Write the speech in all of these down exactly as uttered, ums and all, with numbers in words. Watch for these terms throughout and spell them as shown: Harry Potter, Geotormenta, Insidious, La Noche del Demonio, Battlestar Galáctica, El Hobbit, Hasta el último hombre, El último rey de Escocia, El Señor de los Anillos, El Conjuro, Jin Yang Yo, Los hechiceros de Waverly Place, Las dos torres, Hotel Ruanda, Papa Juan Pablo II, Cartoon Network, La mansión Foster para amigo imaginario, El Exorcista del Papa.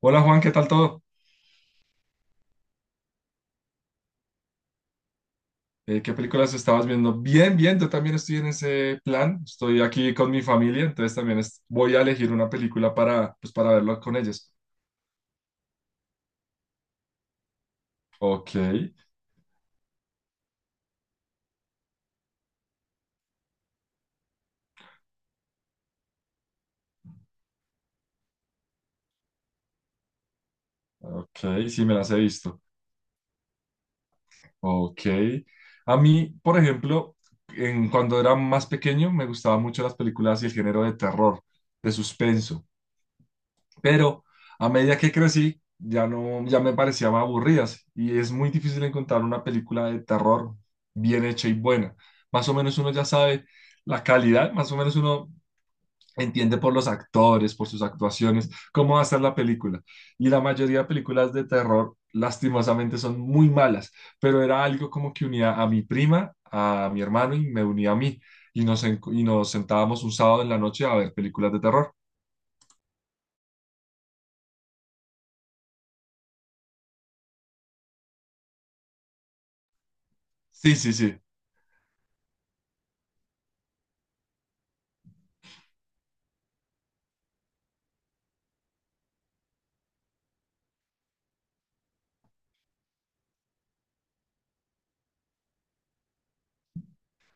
Hola Juan, ¿qué tal todo? Eh, ¿qué películas estabas viendo? Bien, bien, yo también estoy en ese plan. Estoy aquí con mi familia, entonces también es- voy a elegir una película para, pues, para verlo con ellos. Ok, ok, sí me las he visto. Ok. A mí, por ejemplo, en, cuando era más pequeño me gustaban mucho las películas y el género de terror, de suspenso. Pero a medida que crecí, ya no, ya me parecían aburridas y es muy difícil encontrar una película de terror bien hecha y buena. Más o menos uno ya sabe la calidad, más o menos uno entiende por los actores, por sus actuaciones, cómo va a ser la película. Y la mayoría de películas de terror, lastimosamente, son muy malas, pero era algo como que unía a mi prima, a mi hermano y me unía a mí. Y nos, en- y nos sentábamos un sábado en la noche a ver películas de terror. Sí, sí, sí.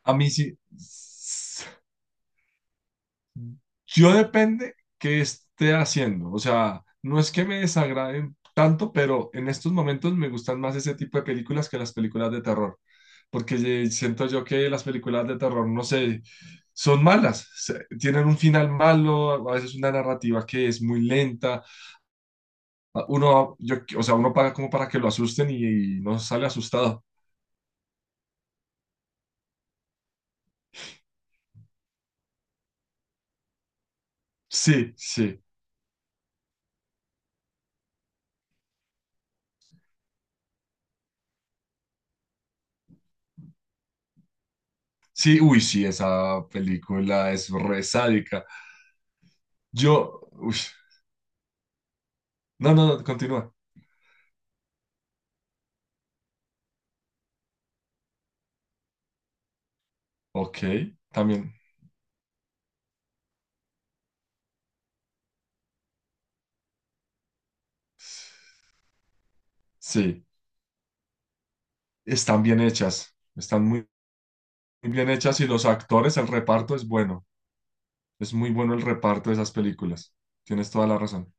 A mí sí. s- Yo depende qué esté haciendo. O sea, no es que me desagraden tanto, pero en estos momentos me gustan más ese tipo de películas que las películas de terror. Porque ye- siento yo que las películas de terror, no sé, son malas. se- Tienen un final malo, a veces una narrativa que es muy lenta. a- Uno, yo, o sea, uno paga como para que lo asusten y, y no sale asustado. Sí, sí. Sí, uy, sí, esa película es re sádica. Yo, uy, no, no, no, continúa. Ok, también. Sí, están bien hechas, están muy, muy bien hechas y los actores, el reparto es bueno, es muy bueno el reparto de esas películas. Tienes toda la razón.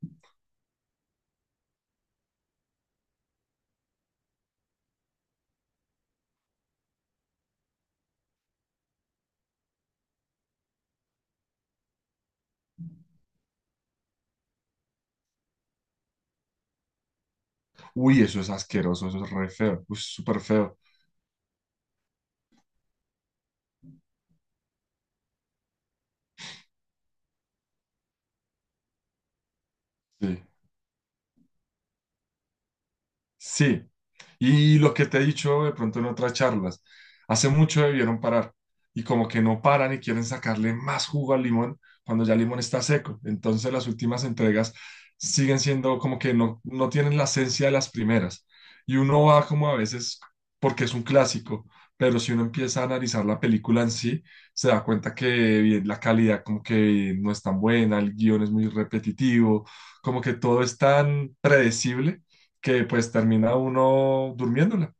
Uy, eso es asqueroso, eso es re feo, uy, súper feo. Sí, sí. Y lo que te he dicho de pronto en otras charlas, hace mucho debieron parar y como que no paran y quieren sacarle más jugo al limón cuando ya el limón está seco. Entonces las últimas entregas siguen siendo como que no, no tienen la esencia de las primeras. Y uno va como a veces porque es un clásico, pero si uno empieza a analizar la película en sí, se da cuenta que bien, la calidad como que no es tan buena, el guión es muy repetitivo, como que todo es tan predecible que pues termina uno durmiéndola.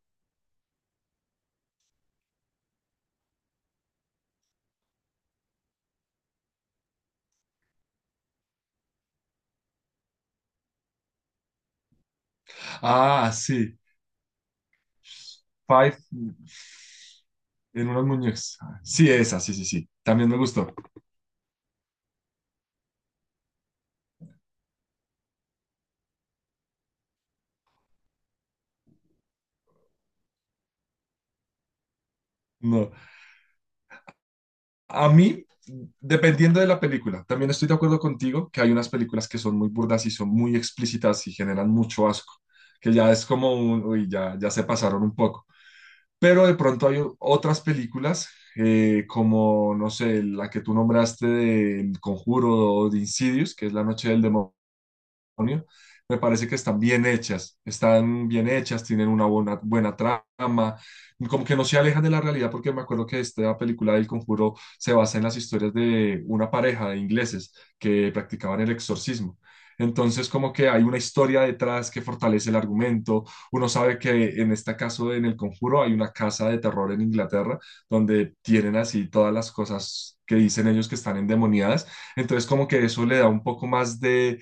Ah, sí. Five en unos muñecos. Sí, esa, sí, sí, sí. También me gustó. No. A mí, dependiendo de la película, también estoy de acuerdo contigo que hay unas películas que son muy burdas y son muy explícitas y generan mucho asco, que ya es como un, uy, ya, ya se pasaron un poco. Pero de pronto hay otras películas eh, como, no sé, la que tú nombraste de El Conjuro o de Insidious, que es La Noche del Demonio. Me parece que están bien hechas, están bien hechas, tienen una buena, buena trama, como que no se alejan de la realidad, porque me acuerdo que esta película del Conjuro se basa en las historias de una pareja de ingleses que practicaban el exorcismo. Entonces, como que hay una historia detrás que fortalece el argumento. Uno sabe que en este caso, en El Conjuro, hay una casa de terror en Inglaterra donde tienen así todas las cosas que dicen ellos que están endemoniadas. Entonces, como que eso le da un poco más de,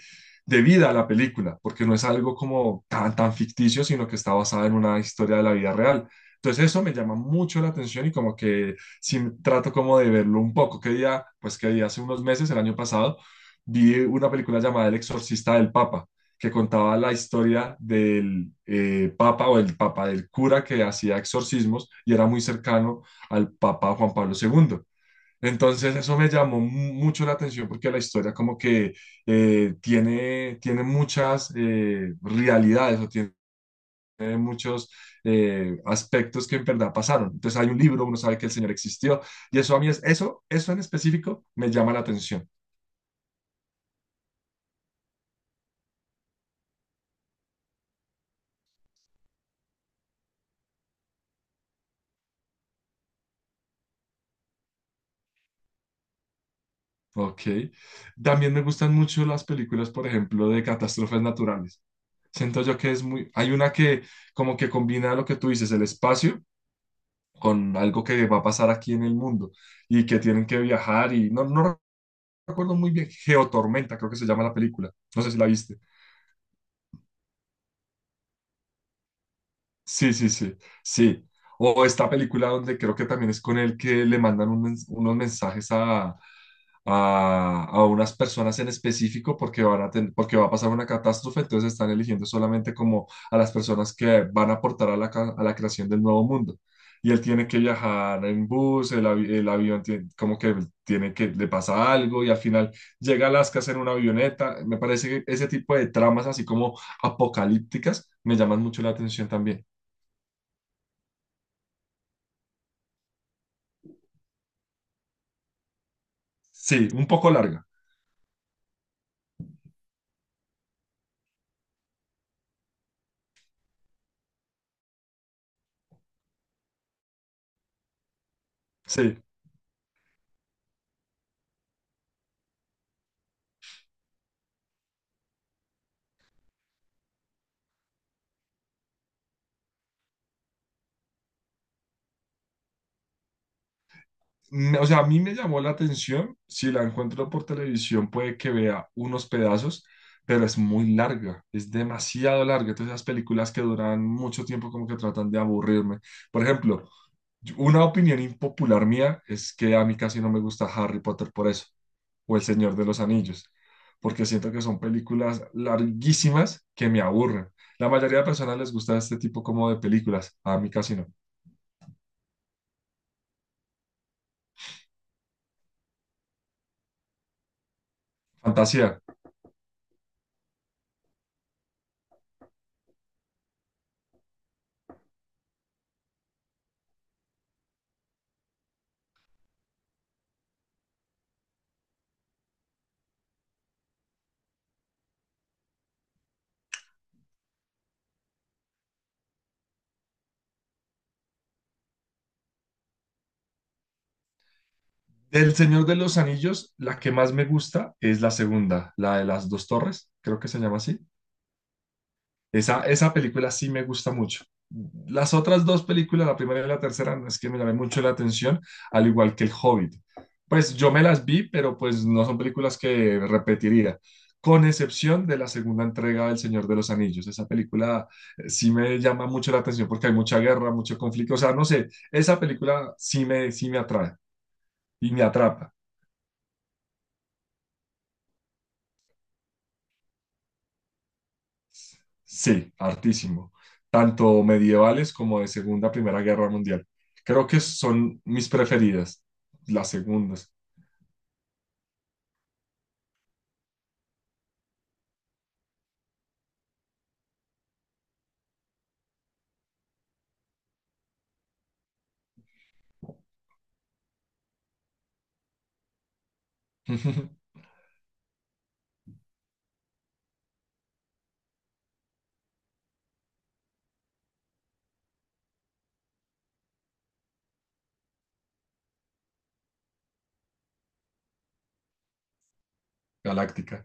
de vida a la película, porque no es algo como tan, tan ficticio, sino que está basada en una historia de la vida real. Entonces eso me llama mucho la atención y como que sí trato como de verlo un poco. Que día, pues que día hace unos meses, el año pasado, vi una película llamada El Exorcista del Papa, que contaba la historia del eh, Papa o el Papa del cura que hacía exorcismos y era muy cercano al Papa Juan Pablo segundo. Entonces eso me llamó mu- mucho la atención porque la historia como que eh, tiene, tiene muchas eh, realidades o tiene muchos eh, aspectos que en verdad pasaron. Entonces hay un libro, uno sabe que el Señor existió y eso a mí es, eso, eso en específico me llama la atención. Ok. También me gustan mucho las películas, por ejemplo, de catástrofes naturales. Siento yo que es muy, hay una que como que combina lo que tú dices, el espacio con algo que va a pasar aquí en el mundo y que tienen que viajar y no, no recuerdo muy bien, Geotormenta creo que se llama la película, no sé si la viste. Sí, sí, sí, sí. O esta película donde creo que también es con él que le mandan un mens- unos mensajes a, a, a unas personas en específico porque van a ten- porque va a pasar una catástrofe, entonces están eligiendo solamente como a las personas que van a aportar a la, ca- a la creación del nuevo mundo. Y él tiene que viajar en bus, el, avi- el avión tiene, como que tiene que le pasa algo y al final llega a Alaska en una avioneta. Me parece que ese tipo de tramas así como apocalípticas me llaman mucho la atención también. Sí, un poco larga. Sí. me- O sea, a mí me llamó la atención, si la encuentro por televisión puede que vea unos pedazos, pero es muy larga, es demasiado larga. Entonces, esas películas que duran mucho tiempo como que tratan de aburrirme. Por ejemplo, yo- una opinión impopular mía es que a mí casi no me gusta Harry Potter por eso, o El Señor de los Anillos, porque siento que son películas larguísimas que me aburren. La mayoría de personas les gusta este tipo como de películas, a mí casi no. Fantasía. Del Señor de los Anillos, la que más me gusta es la segunda, la de las dos torres, creo que se llama así. Esa, esa película sí me gusta mucho. Las otras dos películas, la primera y la tercera, no es que me llamé mucho la atención, al igual que El Hobbit. Pues yo me las vi, pero pues no son películas que repetiría, con excepción de la segunda entrega del Señor de los Anillos. Esa película eh, sí me llama mucho la atención porque hay mucha guerra, mucho conflicto. O sea, no sé, esa película sí me, sí me atrae y me atrapa. Sí, hartísimo. Tanto medievales como de Segunda, Primera Guerra Mundial. Creo que son mis preferidas, las segundas. Galáctica.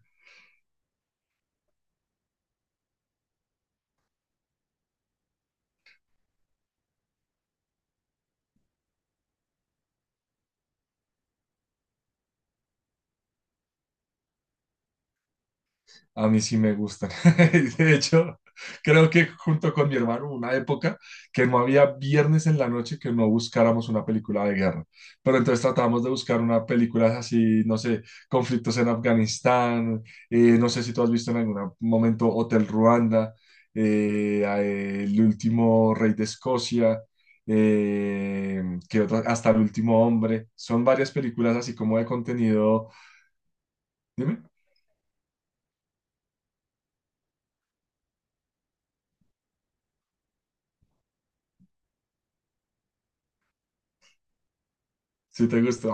A mí sí me gustan. De hecho, creo que junto con mi hermano, hubo una época que no había viernes en la noche que no buscáramos una película de guerra. Pero entonces tratamos de buscar una película así, no sé, conflictos en Afganistán, eh, no sé si tú has visto en algún momento Hotel Ruanda, eh, eh, El último rey de Escocia. eh, ¿Qué otra? Hasta el último hombre, son varias películas así como de contenido. Dime, si te gustó.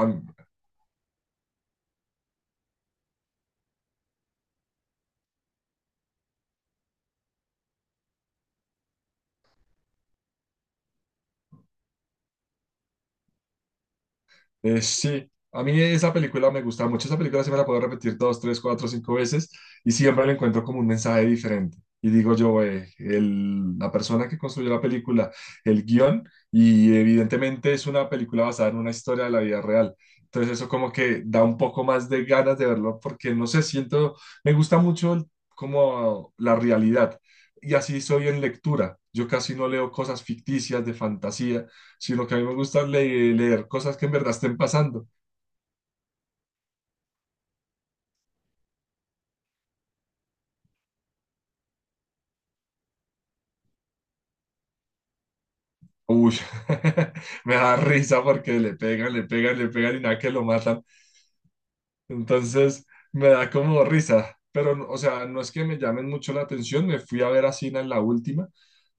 Eh, sí, a mí esa película me gusta mucho. Esa película se me la puedo repetir dos, tres, cuatro, cinco veces y siempre le encuentro como un mensaje diferente. Y digo yo, eh, el- la persona que construyó la película, el guión, y evidentemente es una película basada en una historia de la vida real. Entonces eso como que da un poco más de ganas de verlo porque no sé, siento, me gusta mucho el- como la realidad. Y así soy en lectura. Yo casi no leo cosas ficticias de fantasía si lo que a mí me gusta es le- leer cosas que en verdad estén pasando. Uy, me da risa porque le pegan, le pegan, le pegan y nada que lo matan. Entonces me da como risa. Pero, no- o sea, no es que me llamen mucho la atención. Me fui a ver a Sina en la última,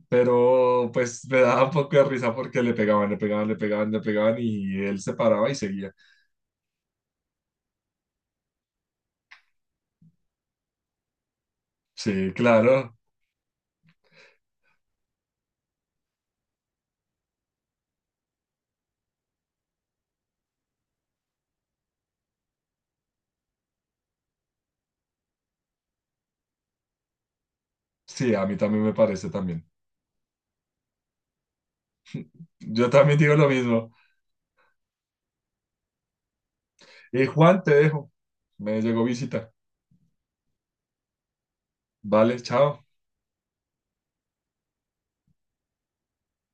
pero pues me daba un poco de risa porque le pegaban, le pegaban, le pegaban, le pegaban y él se paraba y seguía. Sí, claro. Sí, a mí también me parece también. Yo también digo lo mismo. Y Juan, te dejo. Me llegó visita. Vale, chao.